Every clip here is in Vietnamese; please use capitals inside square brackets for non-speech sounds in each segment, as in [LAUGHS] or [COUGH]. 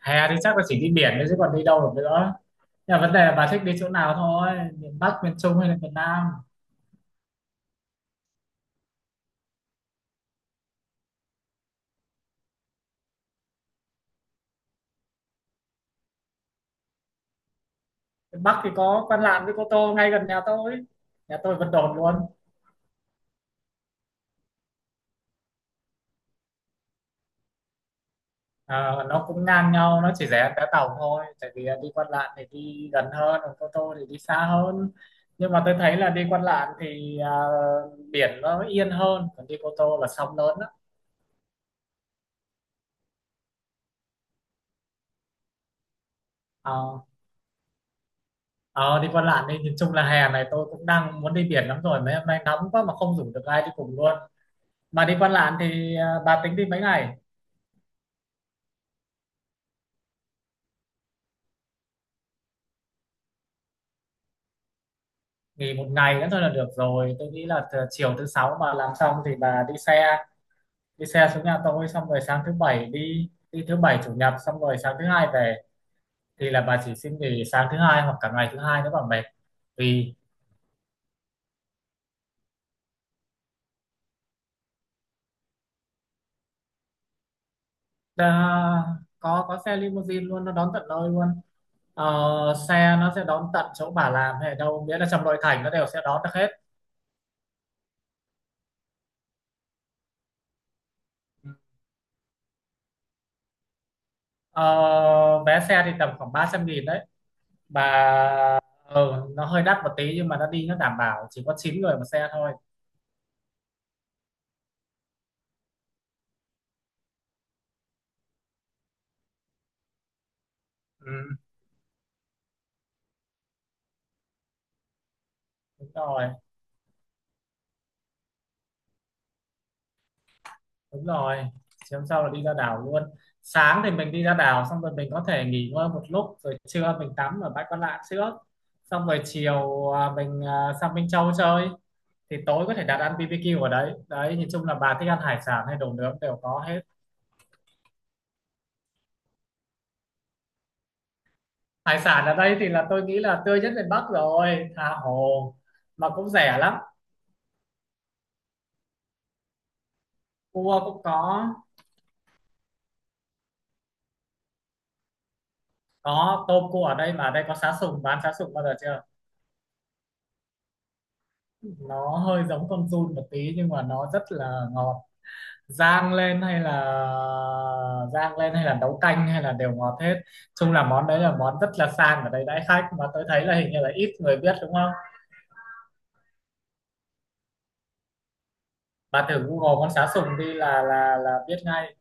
Hè thì chắc là chỉ đi biển thôi chứ còn đi đâu được nữa. Nhưng mà vấn đề là bà thích đi chỗ nào thôi, miền Bắc, miền Trung hay là miền Nam? Miền Bắc thì có Văn Lãng với Cô Tô ngay gần nhà tôi, nhà tôi Vân Đồn luôn. Ờ, nó cũng ngang nhau, nó chỉ rẻ vé tàu thôi, tại vì đi Quan Lạn thì đi gần hơn, còn Cô Tô thì đi xa hơn. Nhưng mà tôi thấy là đi Quan Lạn thì biển nó yên hơn, còn đi Cô Tô là sóng lớn đó. Ờ, ờ, đi Quan Lạn đi, nhìn chung là hè này tôi cũng đang muốn đi biển lắm rồi, mấy hôm nay nóng quá mà không rủ được ai đi cùng luôn. Mà đi Quan Lạn thì bà tính đi mấy ngày? Nghỉ một ngày nữa thôi là được rồi. Tôi nghĩ là từ chiều thứ sáu bà làm xong thì bà đi xe xuống nhà tôi, xong rồi sáng thứ bảy đi, đi thứ bảy chủ nhật xong rồi sáng thứ hai về, thì là bà chỉ xin nghỉ sáng thứ hai hoặc cả ngày thứ hai nếu bà mệt. Vì à, có xe limousine luôn, nó đón tận nơi luôn. Ờ, xe nó sẽ đón tận chỗ bà làm hay ở đâu, miễn là trong nội thành nó đều sẽ đón được hết. Ờ, vé xe thì tầm khoảng 300.000 đấy, và nó hơi đắt một tí nhưng mà nó đi, nó đảm bảo chỉ có 9 người một xe thôi. Ừ, đúng rồi. Đúng rồi, chiều hôm sau là đi ra đảo luôn. Sáng thì mình đi ra đảo xong rồi mình có thể nghỉ ngơi một lúc rồi trưa mình tắm ở bãi Quan Lạn trước, xong rồi chiều mình sang Minh Châu chơi, thì tối có thể đặt ăn BBQ ở đấy đấy. Nhìn chung là bà thích ăn hải sản hay đồ nướng đều có hết. Hải sản ở đây thì là tôi nghĩ là tươi nhất miền Bắc rồi, tha hồ, mà cũng rẻ lắm. Cua cũng có tôm cua ở đây mà. Ở đây có sá sùng, bán sá sùng bao giờ chưa? Nó hơi giống con giun một tí nhưng mà nó rất là ngọt. Rang lên hay là rang lên hay là nấu canh hay là đều ngọt hết. Chung là món đấy là món rất là sang, ở đây đãi khách mà, tôi thấy là hình như là ít người biết đúng không. Bà thử Google con sá sùng đi là biết ngay.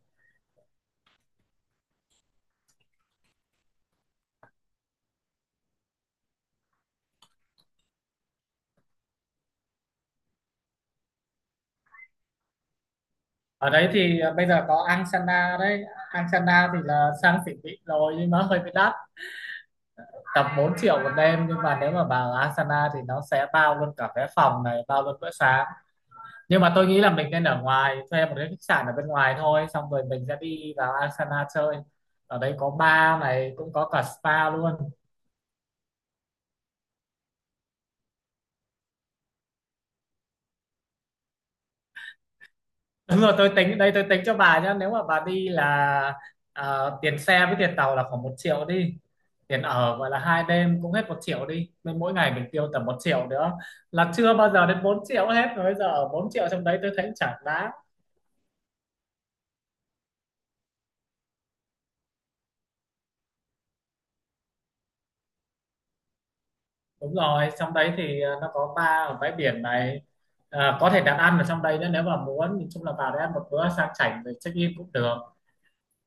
Ở đấy thì bây giờ có angsana đấy. Angsana thì là sang xịn mịn rồi nhưng mà hơi bị đắt, tầm 4 triệu một đêm, nhưng mà nếu mà vào Asana thì nó sẽ bao luôn cả vé phòng này, bao luôn bữa sáng. Nhưng mà tôi nghĩ là mình nên ở ngoài, thuê một cái khách sạn ở bên ngoài thôi, xong rồi mình sẽ đi vào Asana chơi. Ở đây có bar này, cũng có cả spa luôn. [LAUGHS] Đúng rồi, tôi tính đây, tôi tính cho bà nhá. Nếu mà bà đi là tiền xe với tiền tàu là khoảng 1 triệu đi, tiền ở gọi là hai đêm cũng hết 1 triệu đi, nên mỗi ngày mình tiêu tầm 1 triệu nữa là chưa bao giờ đến 4 triệu hết rồi. Bây giờ ở 4 triệu trong đấy tôi thấy chả đáng. Đúng rồi, trong đấy thì nó có bar ở bãi biển này, có thể đặt ăn ở trong đấy nữa nếu mà muốn. Nhìn chung là vào đấy ăn một bữa sang chảnh rồi check in cũng được.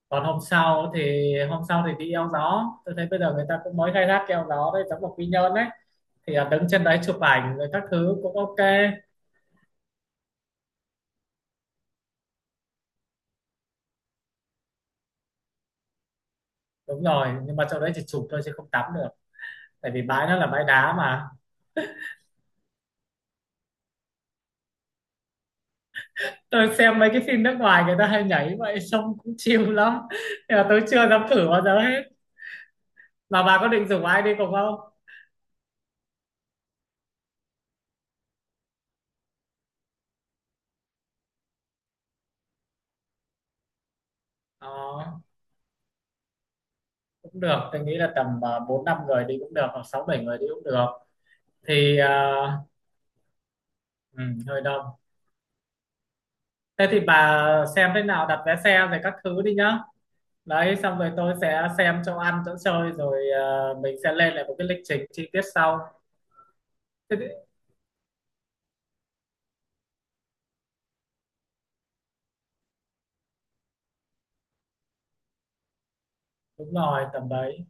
Còn hôm sau thì đi eo gió. Tôi thấy bây giờ người ta cũng mới khai thác cái eo gió đấy, giống một quy nhơn đấy, thì đứng trên đấy chụp ảnh rồi các thứ cũng ok. Đúng rồi, nhưng mà trong đấy chỉ chụp thôi chứ không tắm được, tại vì bãi nó là bãi đá mà. Tôi xem mấy cái phim nước ngoài người ta hay nhảy vậy, sông cũng chill lắm, nhưng mà tôi chưa dám thử bao giờ hết. Mà bà có định rủ ai đi cùng không? Ờ. Cũng được, tôi nghĩ là tầm bốn năm người đi cũng được, hoặc sáu bảy người đi cũng được, thì ừ, hơi đông. Thế thì bà xem thế nào đặt vé xe rồi các thứ đi nhá. Đấy, xong rồi tôi sẽ xem chỗ ăn chỗ chơi, rồi mình sẽ lên lại một cái lịch trình chi tiết sau. Thế thì, đúng rồi, tầm đấy.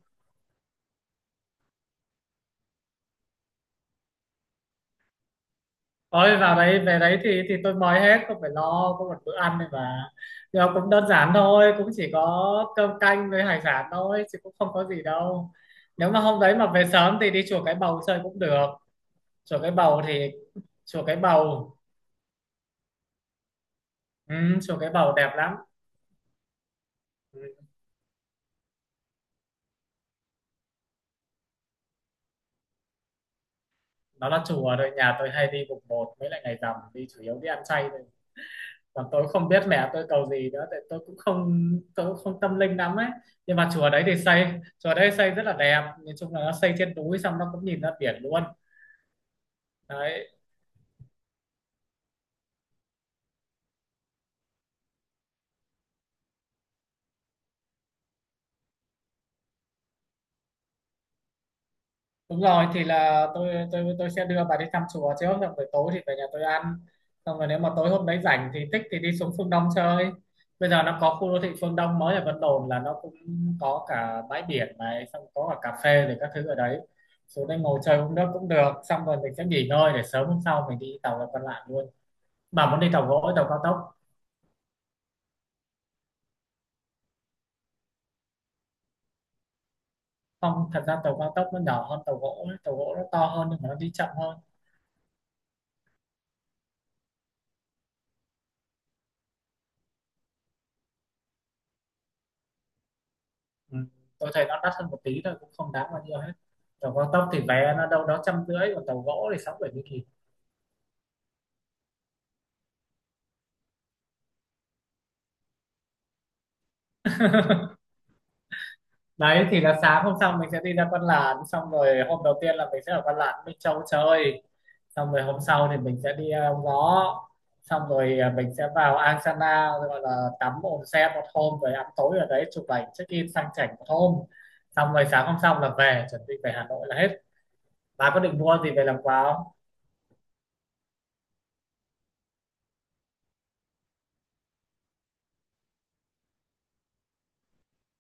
Ôi vào đấy, về đấy thì tôi mời hết, không phải lo, có một bữa ăn này mà, nhưng mà cũng đơn giản thôi, cũng chỉ có cơm canh với hải sản thôi chứ cũng không có gì đâu. Nếu mà hôm đấy mà về sớm thì đi chùa Cái Bầu chơi cũng được. Chùa Cái Bầu thì chùa Cái Bầu. Ừ, chùa Cái Bầu đẹp lắm. Ừ. Nó là chùa rồi, nhà tôi hay đi mùng một mấy lại ngày rằm, đi chủ yếu đi ăn chay thôi. Còn tôi không biết mẹ tôi cầu gì nữa, tại tôi cũng không tâm linh lắm ấy. Nhưng mà chùa đấy thì xây, chùa đấy xây rất là đẹp. Nói chung là nó xây trên núi xong nó cũng nhìn ra biển luôn. Đấy. Đúng rồi, thì là tôi sẽ đưa bà đi thăm chùa trước, xong rồi tối thì về nhà tôi ăn, xong rồi nếu mà tối hôm đấy rảnh thì thích thì đi xuống phương Đông chơi. Bây giờ nó có khu đô thị phương Đông mới ở Vân Đồn, là nó cũng có cả bãi biển này, xong có cả cà phê rồi các thứ ở đấy. Xuống đây ngồi chơi uống nước cũng được, xong rồi mình sẽ nghỉ ngơi để sớm hôm sau mình đi tàu là còn lại luôn. Bà muốn đi tàu gỗ hay tàu cao tốc? Không, thật ra tàu cao tốc nó nhỏ hơn tàu gỗ ấy. Tàu gỗ nó to hơn nhưng mà nó đi chậm hơn. Ừ. Tôi thấy nó đắt hơn một tí thôi, cũng không đáng bao nhiêu hết. Tàu cao tốc thì vé nó đâu đó 150, còn tàu gỗ thì sáu bảy mươi nghìn. Đấy, thì là sáng hôm sau mình sẽ đi ra Văn Lãng, xong rồi hôm đầu tiên là mình sẽ ở Văn Lãng Minh Châu chơi, xong rồi hôm sau thì mình sẽ đi ông Gió, xong rồi mình sẽ vào Ang Sana, gọi là tắm onsen một hôm rồi ăn tối ở đấy, chụp ảnh check in sang chảnh một hôm, xong rồi sáng hôm sau là về, chuẩn bị về Hà Nội là hết. Bà có định mua gì về làm quà?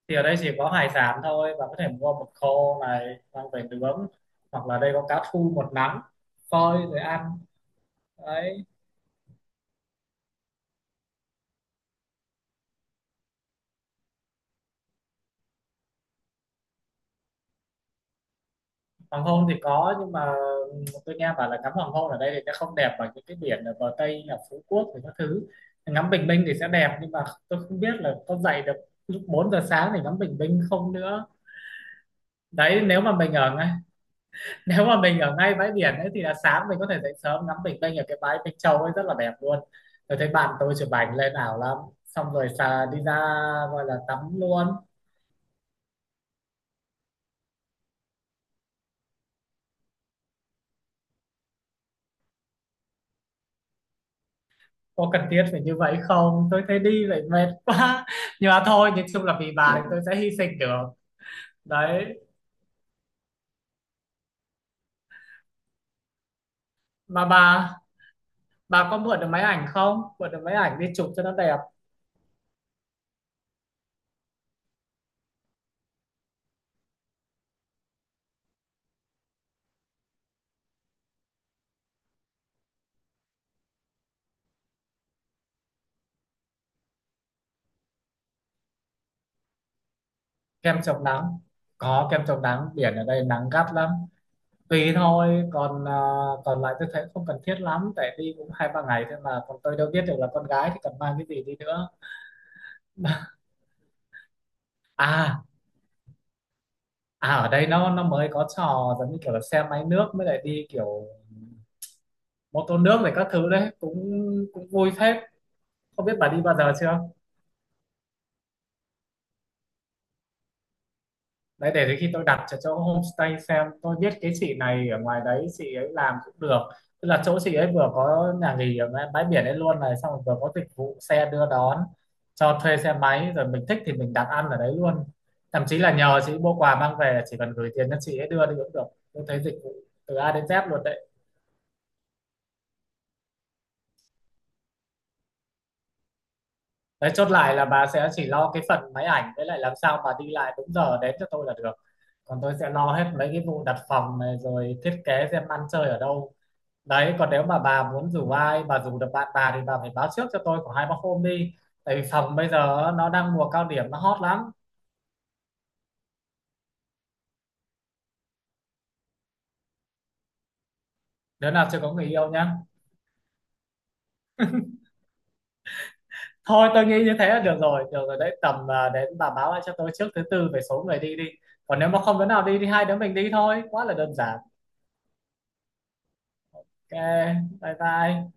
Thì ở đây chỉ có hải sản thôi, bạn có thể mua mực khô này mang về nướng, hoặc là đây có cá thu một nắng, phơi rồi ăn. Đấy, hoàng hôn thì có, nhưng mà tôi nghe bảo là ngắm hoàng hôn ở đây thì nó không đẹp bằng những cái biển ở bờ Tây là Phú Quốc thì các thứ. Ngắm bình minh thì sẽ đẹp, nhưng mà tôi không biết là có dậy được lúc 4 giờ sáng thì ngắm bình minh không nữa. Đấy, nếu mà mình ở ngay bãi biển ấy thì là sáng mình có thể dậy sớm ngắm bình minh ở cái bãi Minh Châu ấy, rất là đẹp luôn. Tôi thấy bạn tôi chụp ảnh lên ảo lắm, xong rồi xà đi ra, gọi là tắm luôn. Có cần thiết phải như vậy không, tôi thấy đi vậy mệt quá. [LAUGHS] Nhưng mà thôi, nhìn chung là vì bà thì tôi sẽ hy sinh được. Đấy, mà bà có mượn được máy ảnh không, mượn được máy ảnh đi chụp cho nó đẹp. Kem chống nắng, có kem chống nắng, biển ở đây nắng gắt lắm. Tùy thôi, còn còn lại tôi thấy không cần thiết lắm, tại đi cũng hai ba ngày thôi mà, còn tôi đâu biết được là con gái thì cần mang cái gì đi nữa. [LAUGHS] À, à, ở đây nó mới có trò giống như kiểu là xe máy nước, mới lại đi kiểu mô tô nước này các thứ, đấy cũng cũng vui phết. Không biết bà đi bao giờ chưa. Đấy, để đến khi tôi đặt cho chỗ homestay, xem tôi biết cái chị này ở ngoài đấy, chị ấy làm cũng được. Tức là chỗ chị ấy vừa có nhà nghỉ ở ngay bãi biển ấy luôn này, xong rồi vừa có dịch vụ xe đưa đón, cho thuê xe máy, rồi mình thích thì mình đặt ăn ở đấy luôn. Thậm chí là nhờ chị mua quà mang về, chỉ cần gửi tiền cho chị ấy đưa đi cũng được. Tôi thấy dịch vụ từ A đến Z luôn đấy. Đấy, chốt lại là bà sẽ chỉ lo cái phần máy ảnh, với lại làm sao bà đi lại đúng giờ đến cho tôi là được. Còn tôi sẽ lo hết mấy cái vụ đặt phòng này, rồi thiết kế xem ăn chơi ở đâu. Đấy, còn nếu mà bà muốn rủ ai, bà rủ được bạn bà thì bà phải báo trước cho tôi khoảng hai ba hôm đi, tại vì phòng bây giờ nó đang mùa cao điểm, nó hot lắm. Đứa nào chưa có người yêu nhá. Thôi tôi nghĩ như thế là được rồi, đấy tầm đến bà báo lại cho tôi trước thứ tư về số người đi đi. Còn nếu mà không đứa nào đi thì hai đứa mình đi thôi, quá là đơn giản. Ok, bye bye.